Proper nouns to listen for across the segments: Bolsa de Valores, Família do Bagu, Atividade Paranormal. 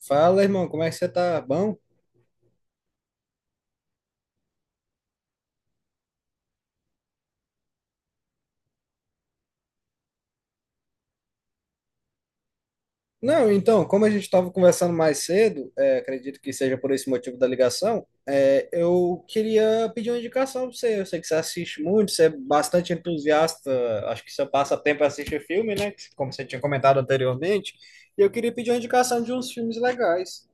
Fala, irmão, como é que você tá? Bom? Não, então, como a gente estava conversando mais cedo, acredito que seja por esse motivo da ligação, eu queria pedir uma indicação para você. Eu sei que você assiste muito, você é bastante entusiasta, acho que você passa tempo assistir filme, né? Como você tinha comentado anteriormente. E eu queria pedir uma indicação de uns filmes legais.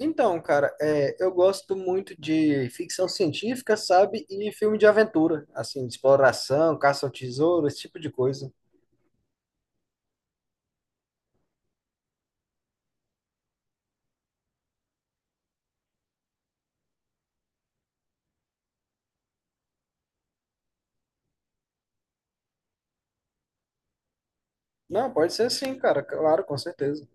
Então, cara, eu gosto muito de ficção científica, sabe? E filme de aventura, assim, de exploração, caça ao tesouro, esse tipo de coisa. Não, pode ser sim, cara, claro, com certeza.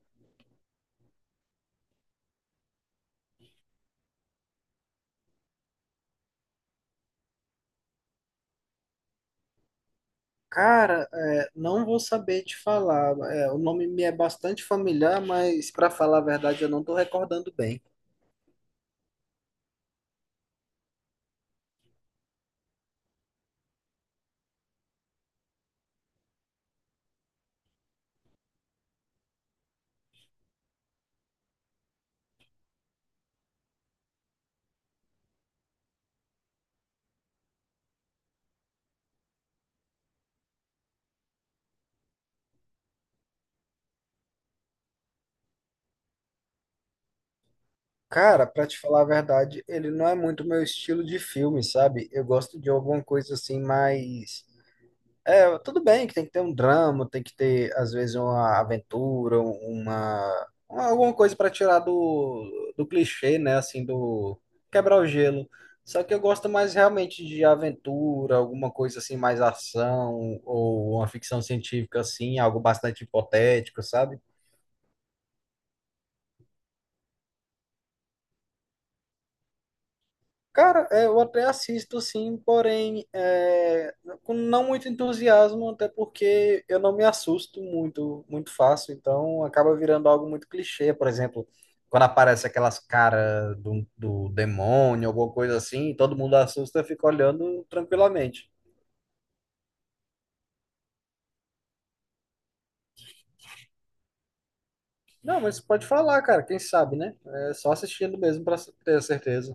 Cara, é, não vou saber te falar. É, o nome me é bastante familiar, mas pra falar a verdade, eu não tô recordando bem. Cara, pra te falar a verdade, ele não é muito meu estilo de filme, sabe? Eu gosto de alguma coisa assim mais. É, tudo bem que tem que ter um drama, tem que ter, às vezes, uma aventura, alguma coisa para tirar do clichê, né? Assim, do quebrar o gelo. Só que eu gosto mais realmente de aventura, alguma coisa assim, mais ação, ou uma ficção científica, assim, algo bastante hipotético, sabe? Cara, é, eu até assisto sim, porém é, com não muito entusiasmo, até porque eu não me assusto muito, muito fácil, então acaba virando algo muito clichê. Por exemplo, quando aparece aquelas caras do demônio, alguma coisa assim, e todo mundo assusta, fica olhando tranquilamente. Não, mas pode falar, cara, quem sabe, né? É só assistindo mesmo para ter certeza.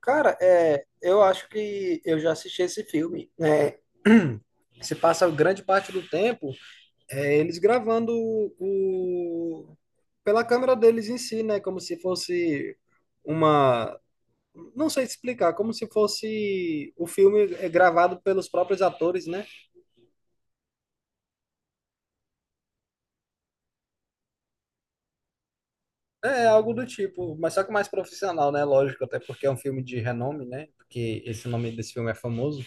Cara, é, eu acho que eu já assisti esse filme. É, se passa grande parte do tempo. É eles gravando o, pela câmera deles em si, né? Como se fosse uma. Não sei explicar, como se fosse o filme é gravado pelos próprios atores, né? É algo do tipo, mas só que mais profissional, né? Lógico, até porque é um filme de renome, né? Porque esse nome desse filme é famoso.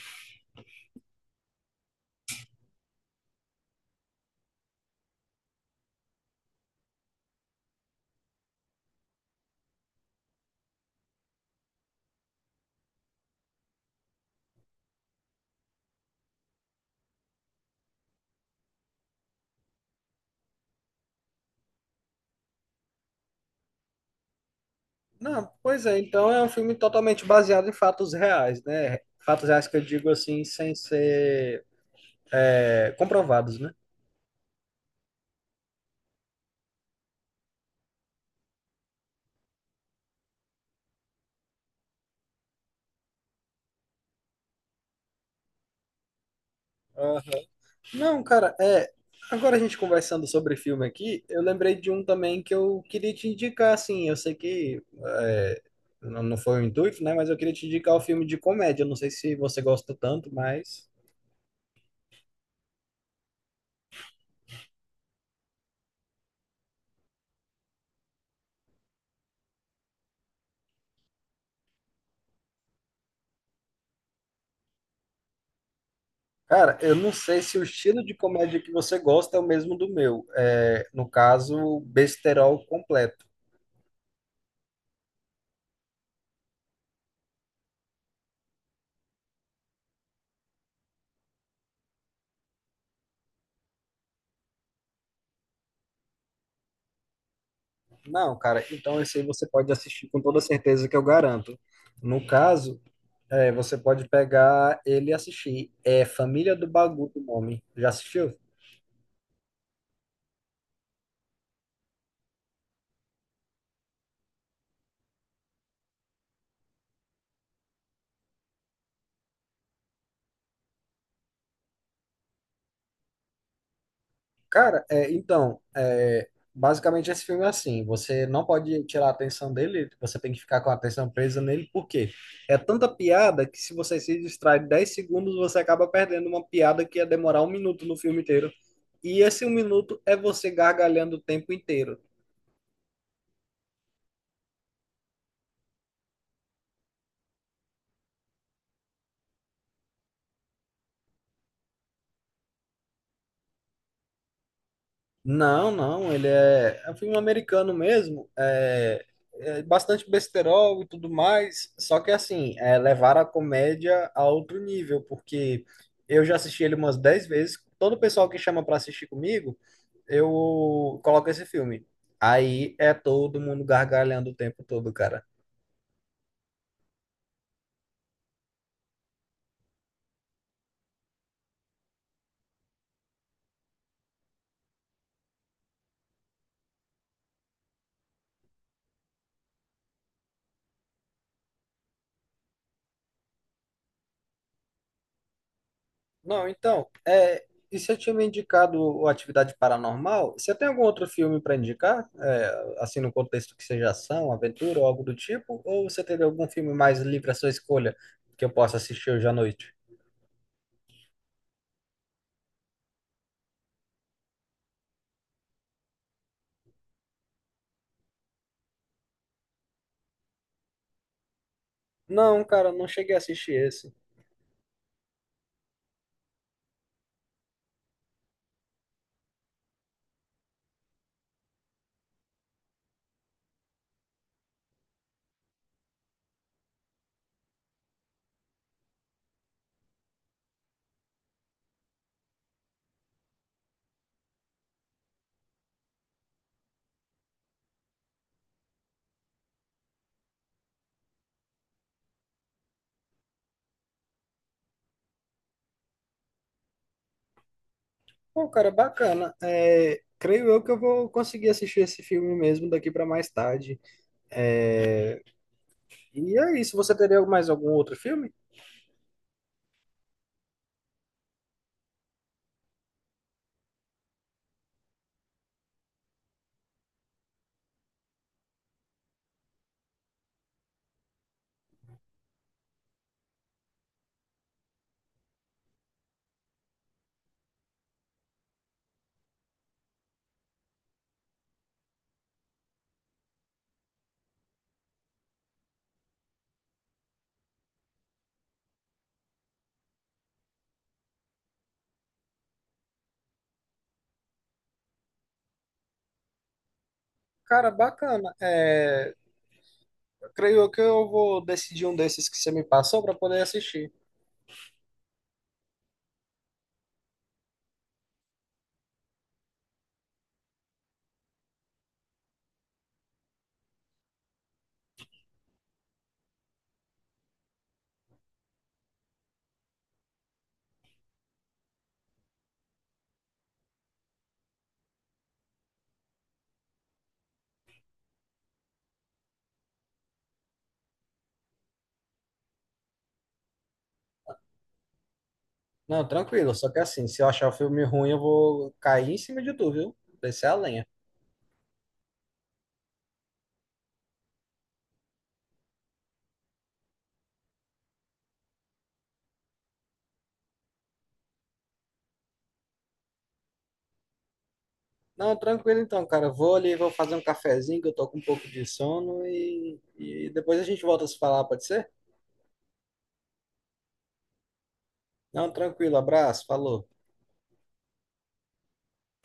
Não, pois é, então é um filme totalmente baseado em fatos reais, né? Fatos reais que eu digo assim, sem ser comprovados, né? Não, cara, é. Agora a gente conversando sobre filme aqui, eu lembrei de um também que eu queria te indicar, assim. Eu sei que é, não foi o intuito, né? Mas eu queria te indicar o filme de comédia. Eu não sei se você gosta tanto, mas. Cara, eu não sei se o estilo de comédia que você gosta é o mesmo do meu. É, no caso, besterol completo. Não, cara, então esse aí você pode assistir com toda certeza que eu garanto. No caso. É, você pode pegar ele e assistir. É Família do Bagu, o nome. Já assistiu? Cara, é, então, é, basicamente esse filme é assim: você não pode tirar a atenção dele, você tem que ficar com a atenção presa nele, por quê? É tanta piada que se você se distrai 10 segundos, você acaba perdendo uma piada que ia demorar 1 minuto no filme inteiro. E esse 1 minuto é você gargalhando o tempo inteiro. Não, não, ele é, é um filme americano mesmo, é, é bastante besterol e tudo mais, só que assim, é levar a comédia a outro nível, porque eu já assisti ele umas 10 vezes, todo pessoal que chama para assistir comigo, eu coloco esse filme. Aí é todo mundo gargalhando o tempo todo, cara. Não, então, é, e você tinha me indicado o Atividade Paranormal? Você tem algum outro filme para indicar? É, assim, no contexto que seja ação, aventura ou algo do tipo? Ou você teria algum filme mais livre à sua escolha que eu possa assistir hoje à noite? Não, cara, não cheguei a assistir esse. Pô, cara, bacana. É, creio eu que eu vou conseguir assistir esse filme mesmo daqui para mais tarde. É, e é isso. Você teria mais algum outro filme? Cara, bacana. É, creio que eu vou decidir um desses que você me passou para poder assistir. Não, tranquilo, só que assim, se eu achar o filme ruim, eu vou cair em cima de tu, viu? Descer a lenha. Não, tranquilo então, cara. Vou ali, vou fazer um cafezinho, que eu tô com um pouco de sono e depois a gente volta a se falar, pode ser? Não, tranquilo, abraço, falou.